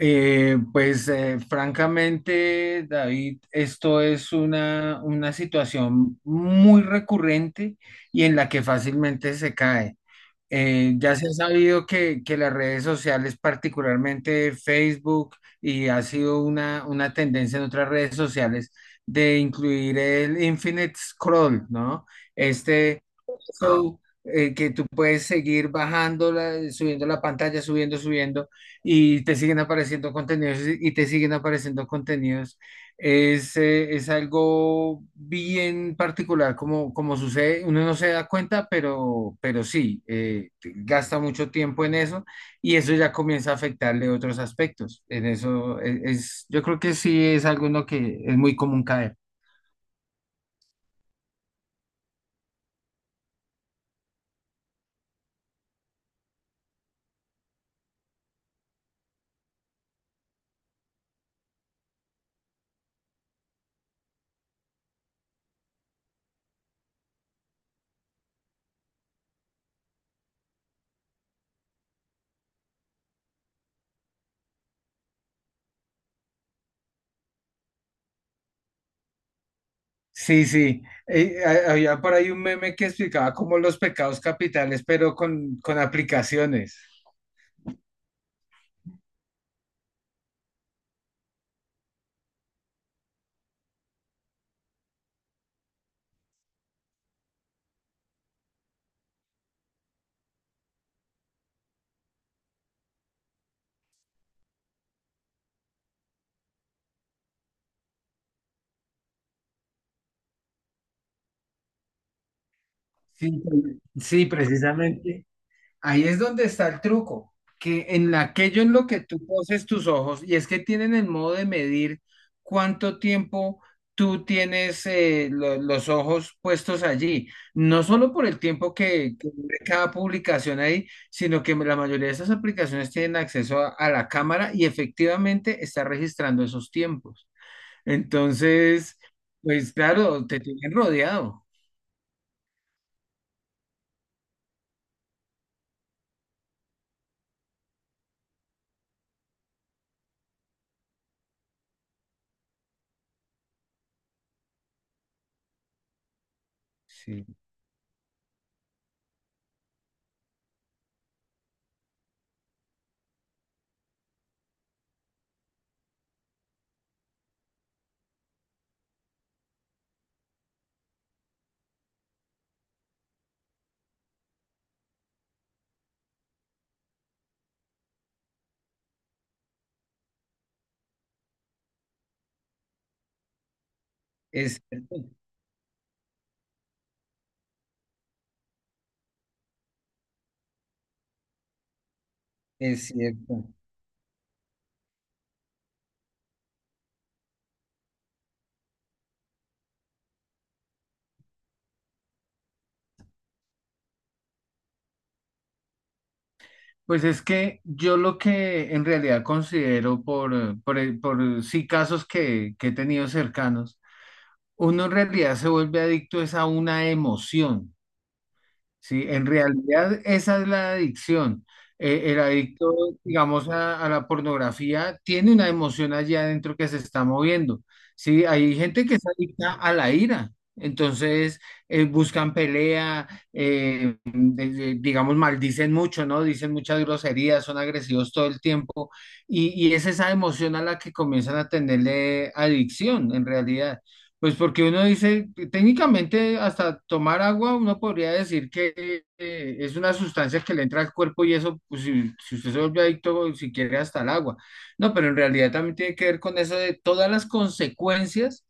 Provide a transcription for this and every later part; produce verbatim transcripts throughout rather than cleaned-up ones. Eh, pues eh, francamente, David, esto es una, una situación muy recurrente y en la que fácilmente se cae. Eh, ya se ha sabido que, que las redes sociales, particularmente Facebook, y ha sido una, una tendencia en otras redes sociales de incluir el infinite scroll, ¿no? Este, So, eh, que tú puedes seguir bajando, la- subiendo la pantalla, subiendo, subiendo, y te siguen apareciendo contenidos y te siguen apareciendo contenidos. Es, eh, es algo bien particular, como, como sucede, uno no se da cuenta, pero, pero sí, eh, gasta mucho tiempo en eso y eso ya comienza a afectarle otros aspectos. En eso es, es- yo creo que sí es algo en lo que es muy común caer. Sí, sí. Eh, ha- había por ahí un meme que explicaba como los pecados capitales, pero con, con aplicaciones. Sí, sí, precisamente. Ahí es donde está el truco, que en la- aquello en lo que tú poses tus ojos, y es que tienen el modo de medir cuánto tiempo tú tienes eh, lo- los ojos puestos allí, no solo por el tiempo que, que dure cada publicación ahí, sino que la mayoría de esas aplicaciones tienen acceso a, a la cámara y efectivamente está registrando esos tiempos. Entonces, pues claro, te tienen rodeado. Sí, es cierto, es cierto. Pues es que yo lo que en realidad considero por, eh, por, el- por, eh, sí casos que, que he tenido cercanos, uno en realidad se vuelve adicto es a una emoción. Sí, en realidad esa es la adicción. Eh, el adicto, digamos, a, a la pornografía tiene una emoción allá adentro que se está moviendo. Sí, hay gente que es adicta a la ira. Entonces, eh, buscan pelea, eh, de- de- digamos, maldicen mucho, ¿no? Dicen muchas groserías, son agresivos todo el tiempo. Y, y es esa emoción a la que comienzan a tenerle adicción, en realidad. Pues porque uno dice, técnicamente hasta tomar agua uno podría decir que eh, es una sustancia que le entra al cuerpo y eso, pues si, si usted se vuelve adicto, si quiere hasta el agua. No, pero en realidad también tiene que ver con eso de todas las consecuencias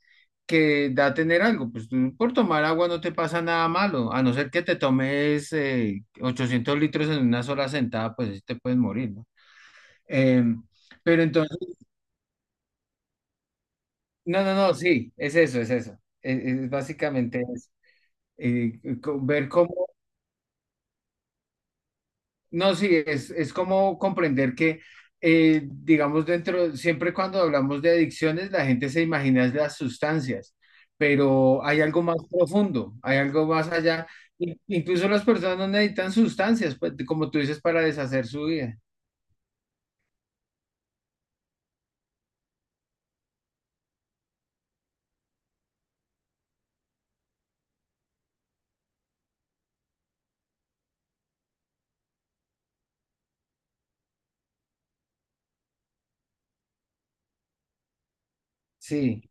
que da tener algo. Pues tú por tomar agua no te pasa nada malo, a no ser que te tomes eh, ochocientos litros en una sola sentada, pues sí te puedes morir, ¿no? Em, pero entonces, no, no, no, sí, es eso, es eso. es es básicamente eso. eh, co- ver cómo, no, sí, es, es como comprender que, eh, digamos, dentro, siempre cuando hablamos de adicciones, la gente se imagina es las sustancias, pero hay algo más profundo, hay algo más allá. In- Incluso las personas no necesitan sustancias, pues, como tú dices, para deshacer su vida. Sí.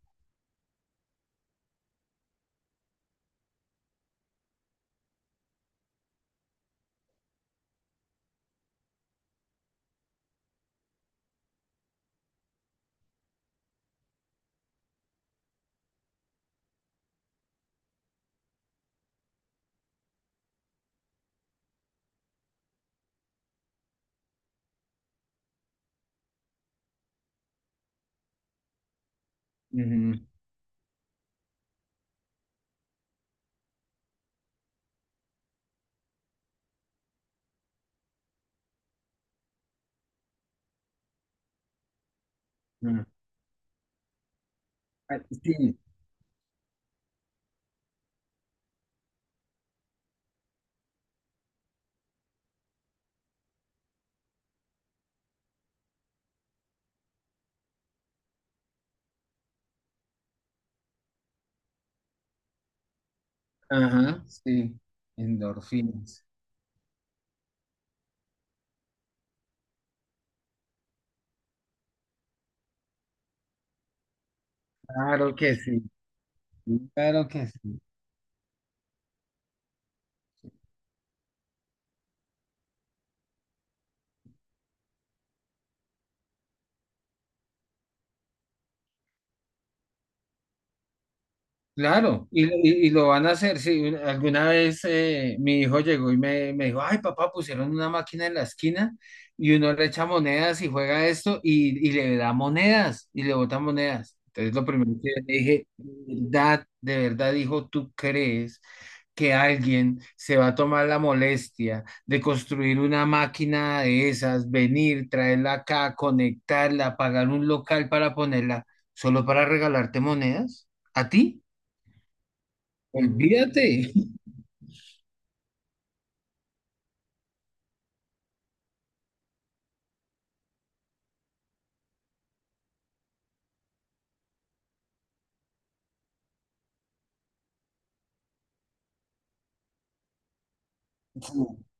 Ujú, ujú. Ah, sí, ajá, sí. Endorfinas. Claro que sí. Claro que sí. Claro, y, y- y lo van a hacer. Si alguna vez eh, mi hijo llegó y me, me dijo, ay papá, pusieron una máquina en la esquina y uno le echa monedas y juega esto y, y le da monedas y le bota monedas. Entonces lo primero que le dije, "¿De verdad, de verdad, hijo, ¿tú crees que alguien se va a tomar la molestia de construir una máquina de esas, venir, traerla acá, conectarla, pagar un local para ponerla, solo para regalarte monedas? ¿A ti? Olvídate.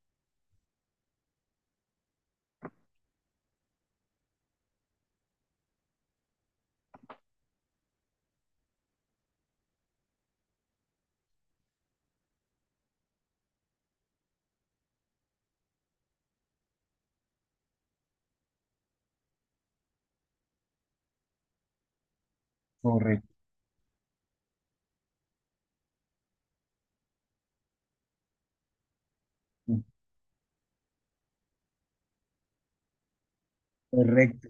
Correcto, correcto.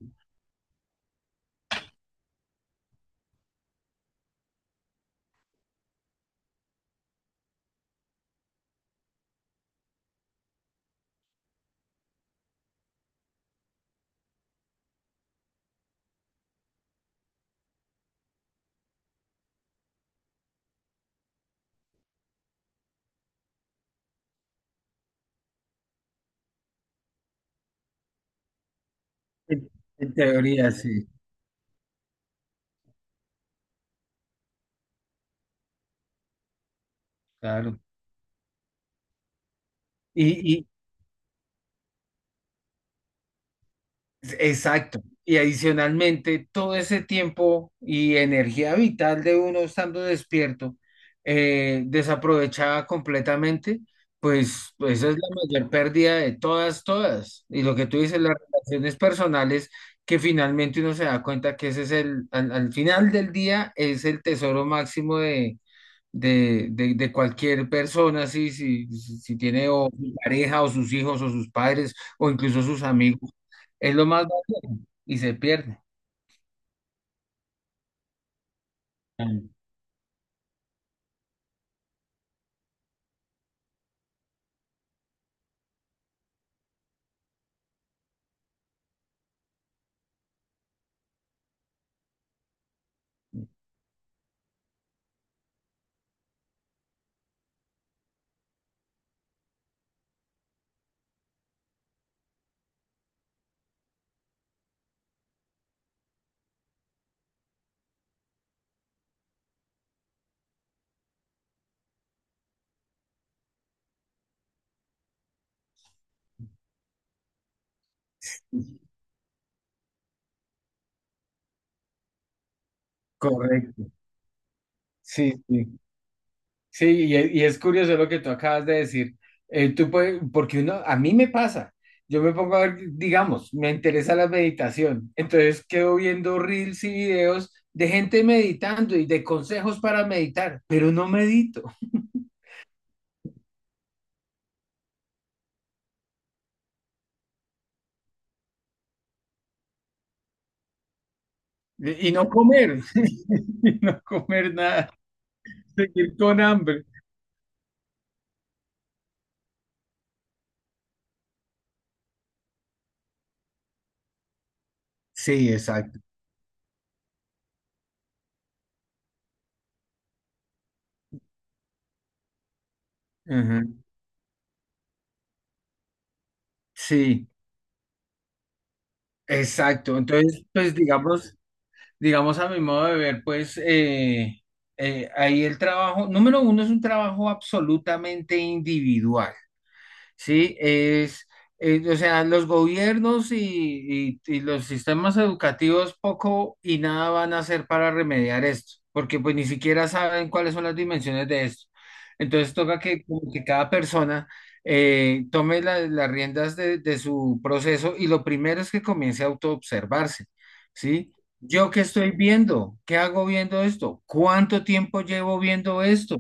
En, en teoría, sí, claro. Y, y, exacto. Y adicionalmente, todo ese tiempo y energía vital de uno estando despierto, eh, desaprovechada completamente, pues, pues esa es la mayor pérdida de todas, todas. Y lo que tú dices, las relaciones personales, que finalmente uno se da cuenta que ese es el, al al final del día, es el tesoro máximo de de, de, de cualquier persona, sí, si, si si tiene o su pareja o sus hijos o sus padres o incluso sus amigos, es lo más básico y se pierde. Correcto, sí, sí, sí, y es, y es curioso lo que tú acabas de decir. Eh, tú puedes, porque uno, a mí me pasa, yo me pongo a ver, digamos, me interesa la meditación, entonces quedo viendo reels y videos de gente meditando y de consejos para meditar, pero no medito. Y, y no comer, y no comer nada, seguir con hambre. Sí, exacto. Ujú. Sí, exacto. Entonces, pues digamos, digamos a mi modo de ver, pues eh, eh, ahí el trabajo, número uno es un trabajo absolutamente individual. ¿Sí? Es, eh, o sea, los gobiernos y, y- y los sistemas educativos poco y nada van a hacer para remediar esto, porque pues ni siquiera saben cuáles son las dimensiones de esto. Entonces toca que, como que cada persona eh, tome la- las riendas de, de su proceso y lo primero es que comience a autoobservarse, ¿sí? ¿Yo qué estoy viendo? ¿Qué hago viendo esto? ¿Cuánto tiempo llevo viendo esto?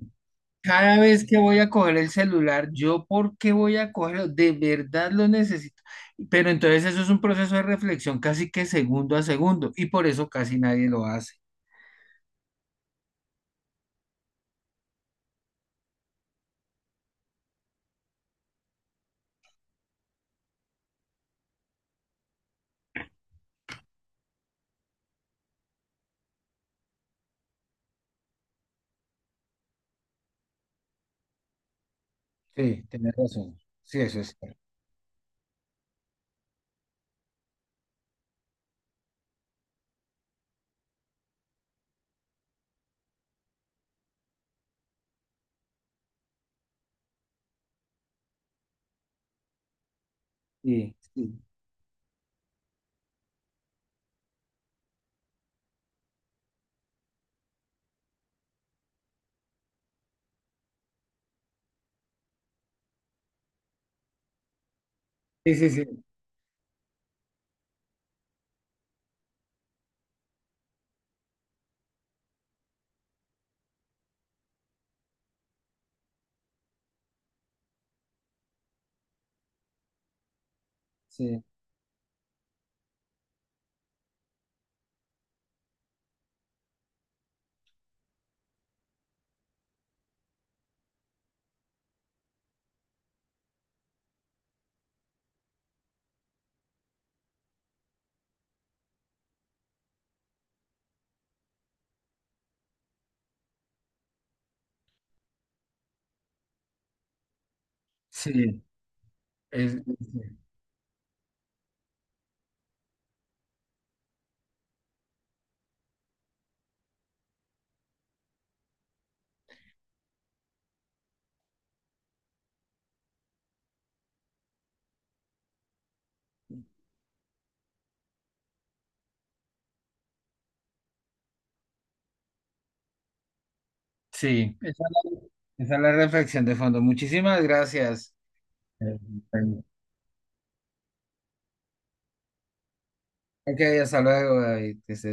Cada vez que voy a coger el celular, ¿yo por qué voy a cogerlo? De verdad lo necesito. Pero entonces eso es un proceso de reflexión casi que segundo a segundo y por eso casi nadie lo hace. Sí, tienes razón. Sí, eso es cierto. Sí, sí, sí, sí, sí, sí, sí, es- es- sí. Esa es la, esa es la reflexión de fondo. Muchísimas gracias. Eh, Ok, hasta luego, David. Que estés